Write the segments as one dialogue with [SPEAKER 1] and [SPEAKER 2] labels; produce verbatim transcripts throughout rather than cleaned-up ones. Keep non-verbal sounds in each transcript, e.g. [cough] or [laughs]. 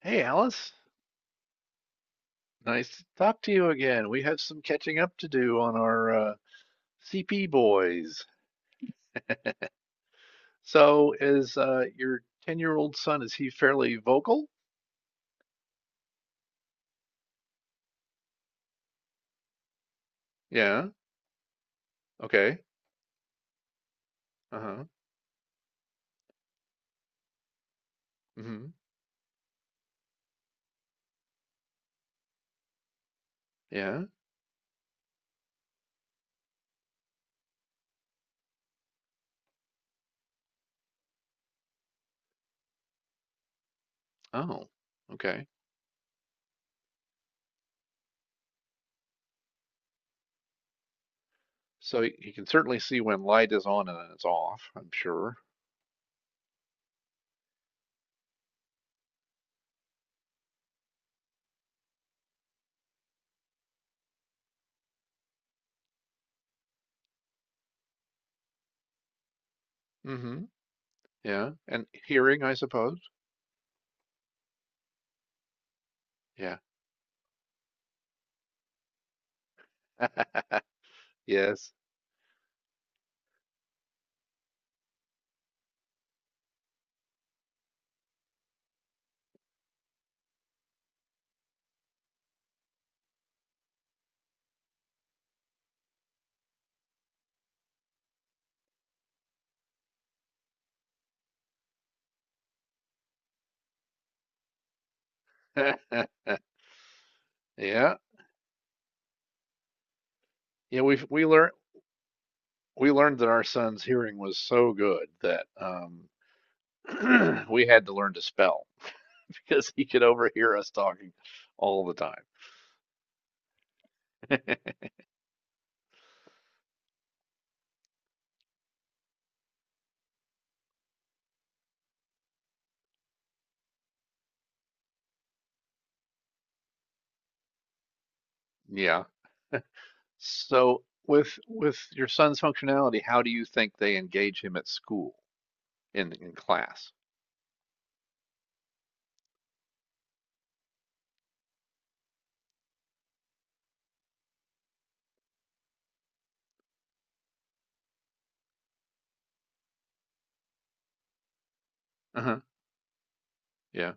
[SPEAKER 1] Hey Alice, nice to talk to you again. We have some catching up to do on our uh, C P boys. So is uh, your ten-year-old son, is he fairly vocal? Yeah. Okay. Uh-huh. Hmm. Yeah. Oh. Okay. So he he can certainly see when light is on and it's off, I'm sure. Hmm. Yeah. And hearing, I suppose. Yeah. [laughs] Yes. [laughs] Yeah. Yeah, we we learn we learned that our son's hearing was so good that um, [clears throat] we had to learn to spell [laughs] because he could overhear us talking all the time. [laughs] Yeah. So with with your son's functionality, how do you think they engage him at school in in class? Uh-huh. Yeah.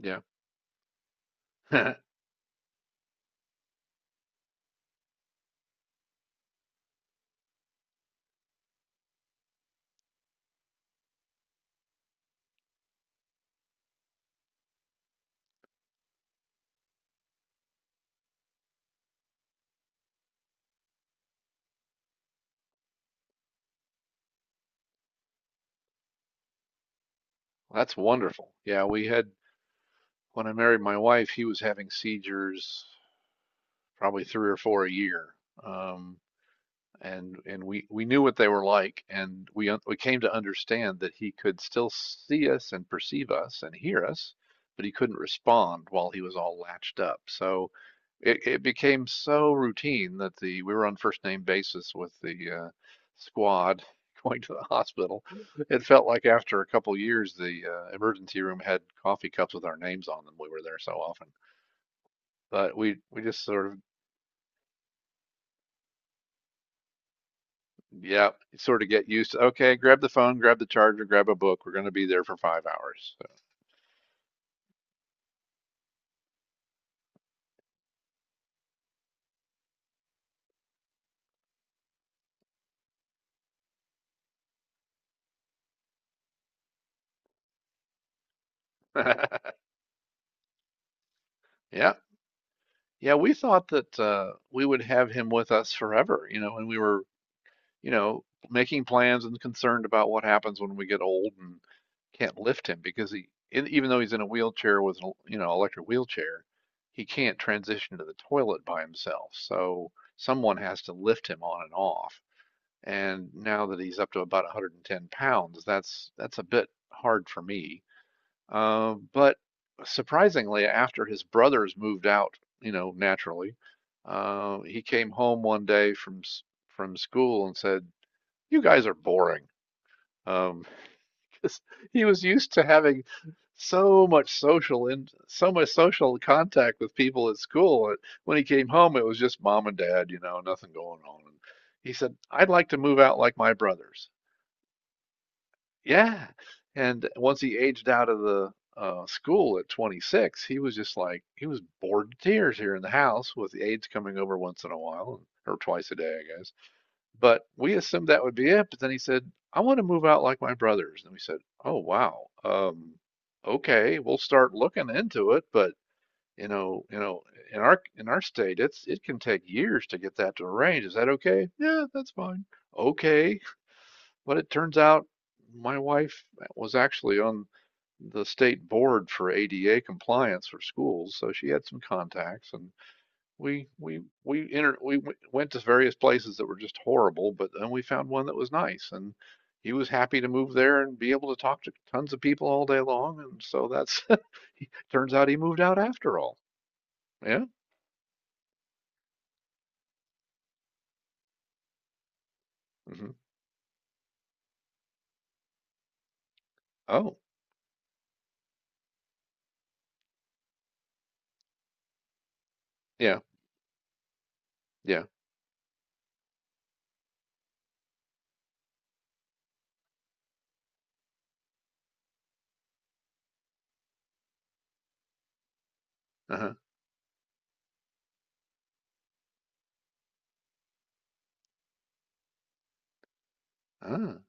[SPEAKER 1] Yeah. [laughs] That's wonderful. Yeah, we had when I married my wife, he was having seizures probably three or four a year. Um, and and we we knew what they were like and we we came to understand that he could still see us and perceive us and hear us but he couldn't respond while he was all latched up. So it, it became so routine that the we were on first name basis with the uh, squad [laughs] going to the hospital. It felt like after a couple of years the uh, emergency room had coffee cups with our names on them, we were there so often. But we we just sort of Yep. Sort of get used to, okay, grab the phone, grab the charger, grab a book. We're going to be there for five hours. So, [laughs] yeah. Yeah, we thought that uh, we would have him with us forever, you know, when we were you know, making plans and concerned about what happens when we get old and can't lift him because he, in, even though he's in a wheelchair with an, you know, electric wheelchair, he can't transition to the toilet by himself. So someone has to lift him on and off. And now that he's up to about one hundred ten pounds, that's that's a bit hard for me. Uh, but surprisingly, after his brothers moved out, you know, naturally, uh, he came home one day from from school and said, you guys are boring. Um, [laughs] 'cause he was used to having so much social and so much social contact with people at school. When he came home, it was just mom and dad, you know, nothing going on. And he said, "I'd like to move out like my brothers." Yeah. And once he aged out of the uh, school at twenty-six, he was just like he was bored to tears here in the house with the aides coming over once in a while or twice a day, I guess. But we assumed that would be it. But then he said, I want to move out like my brothers. And we said, oh, wow. Um, okay, we'll start looking into it, but you know, you know, in our in our state, it's it can take years to get that to arrange. Is that okay? Yeah, that's fine. Okay. But it turns out my wife was actually on the state board for A D A compliance for schools, so she had some contacts and we we we entered we went to various places that were just horrible, but then we found one that was nice and he was happy to move there and be able to talk to tons of people all day long, and so that's [laughs] turns out he moved out after all. Yeah. Hmm. Oh, yeah. Yeah. Uh-huh. Ah,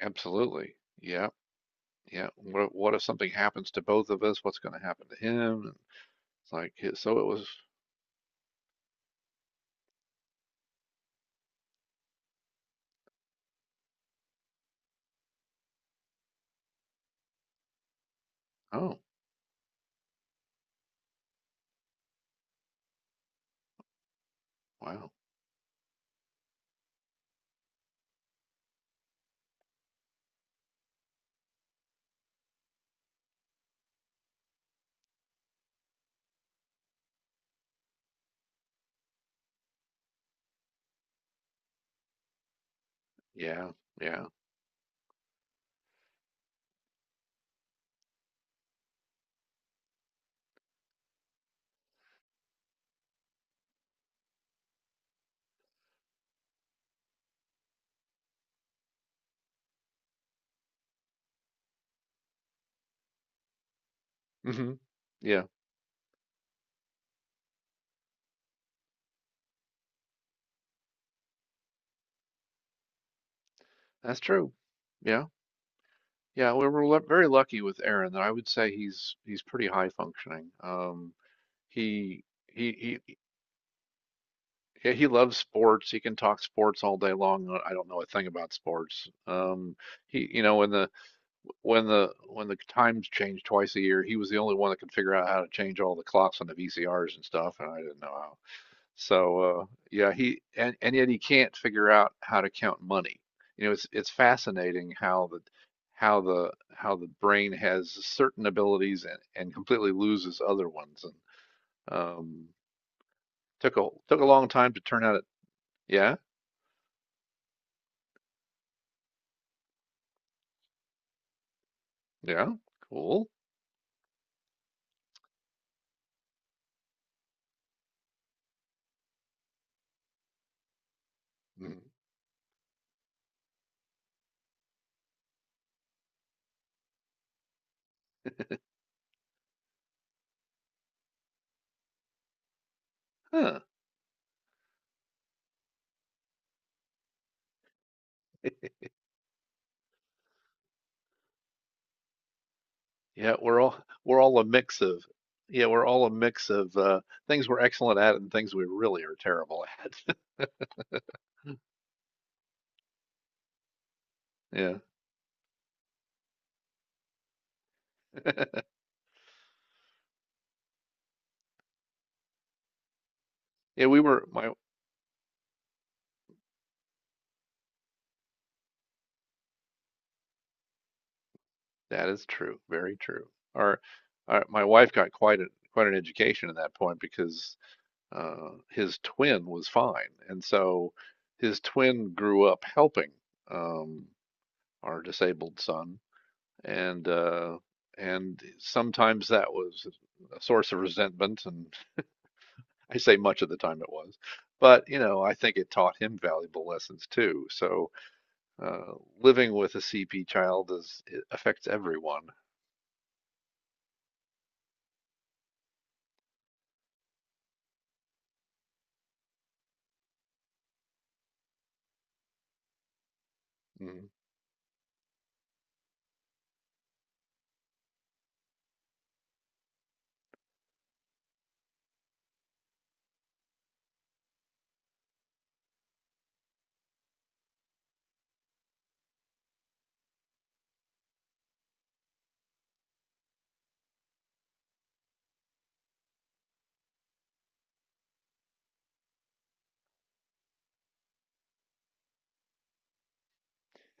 [SPEAKER 1] absolutely. Yeah. Yeah. What if- what if something happens to both of us? What's going to happen to him? And it's like it- so it was. Oh, wow. Yeah. Yeah. Hmm. Yeah. That's true. Yeah. Yeah, we were lu- very lucky with Aaron. I would say he's he's pretty high functioning. Um, he he he he he loves sports. He can talk sports all day long. I don't know a thing about sports. Um, he you know when the when the when the times change twice a year, he was the only one that could figure out how to change all the clocks on the V C Rs and stuff, and I didn't know so uh, yeah, he and, and yet he can't figure out how to count money. You know, it's it's fascinating how the how the how the brain has certain abilities, and, and completely loses other ones. And um, took a took a long time to turn out. It, yeah, yeah, cool. Mm. Huh. Yeah, we're all we're all a mix of yeah, we're all a mix of uh, things we're excellent at and things we really are terrible at. [laughs] Yeah. [laughs] Yeah, we were my That is true. Very true. Our, our My wife got quite a quite an education at that point because uh, his twin was fine, and so his twin grew up helping um, our disabled son, and uh, and sometimes that was a source of resentment, and [laughs] I say much of the time it was, but you know I think it taught him valuable lessons too. So uh, living with a C P child, is it affects everyone.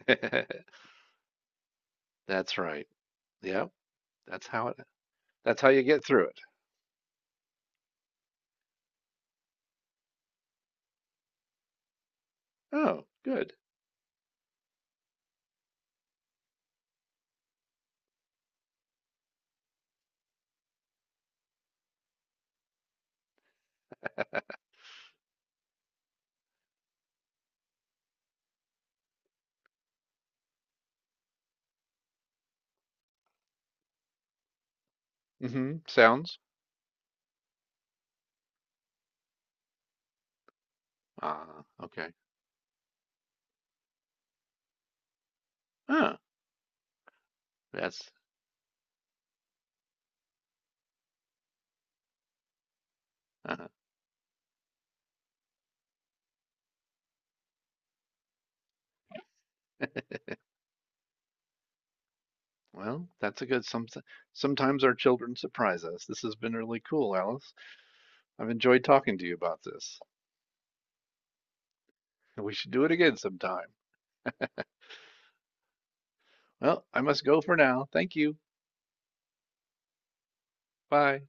[SPEAKER 1] Mm. [laughs] That's right. Yep. That's how it that's how you get through it. Oh, good. Mhm. Sounds. Ah, okay. Ah, that's uh Well, that's a good some sometimes our children surprise us. This has been really cool, Alice. I've enjoyed talking to you about this. We should do it again sometime. Well, I must go for now. Thank you. Bye.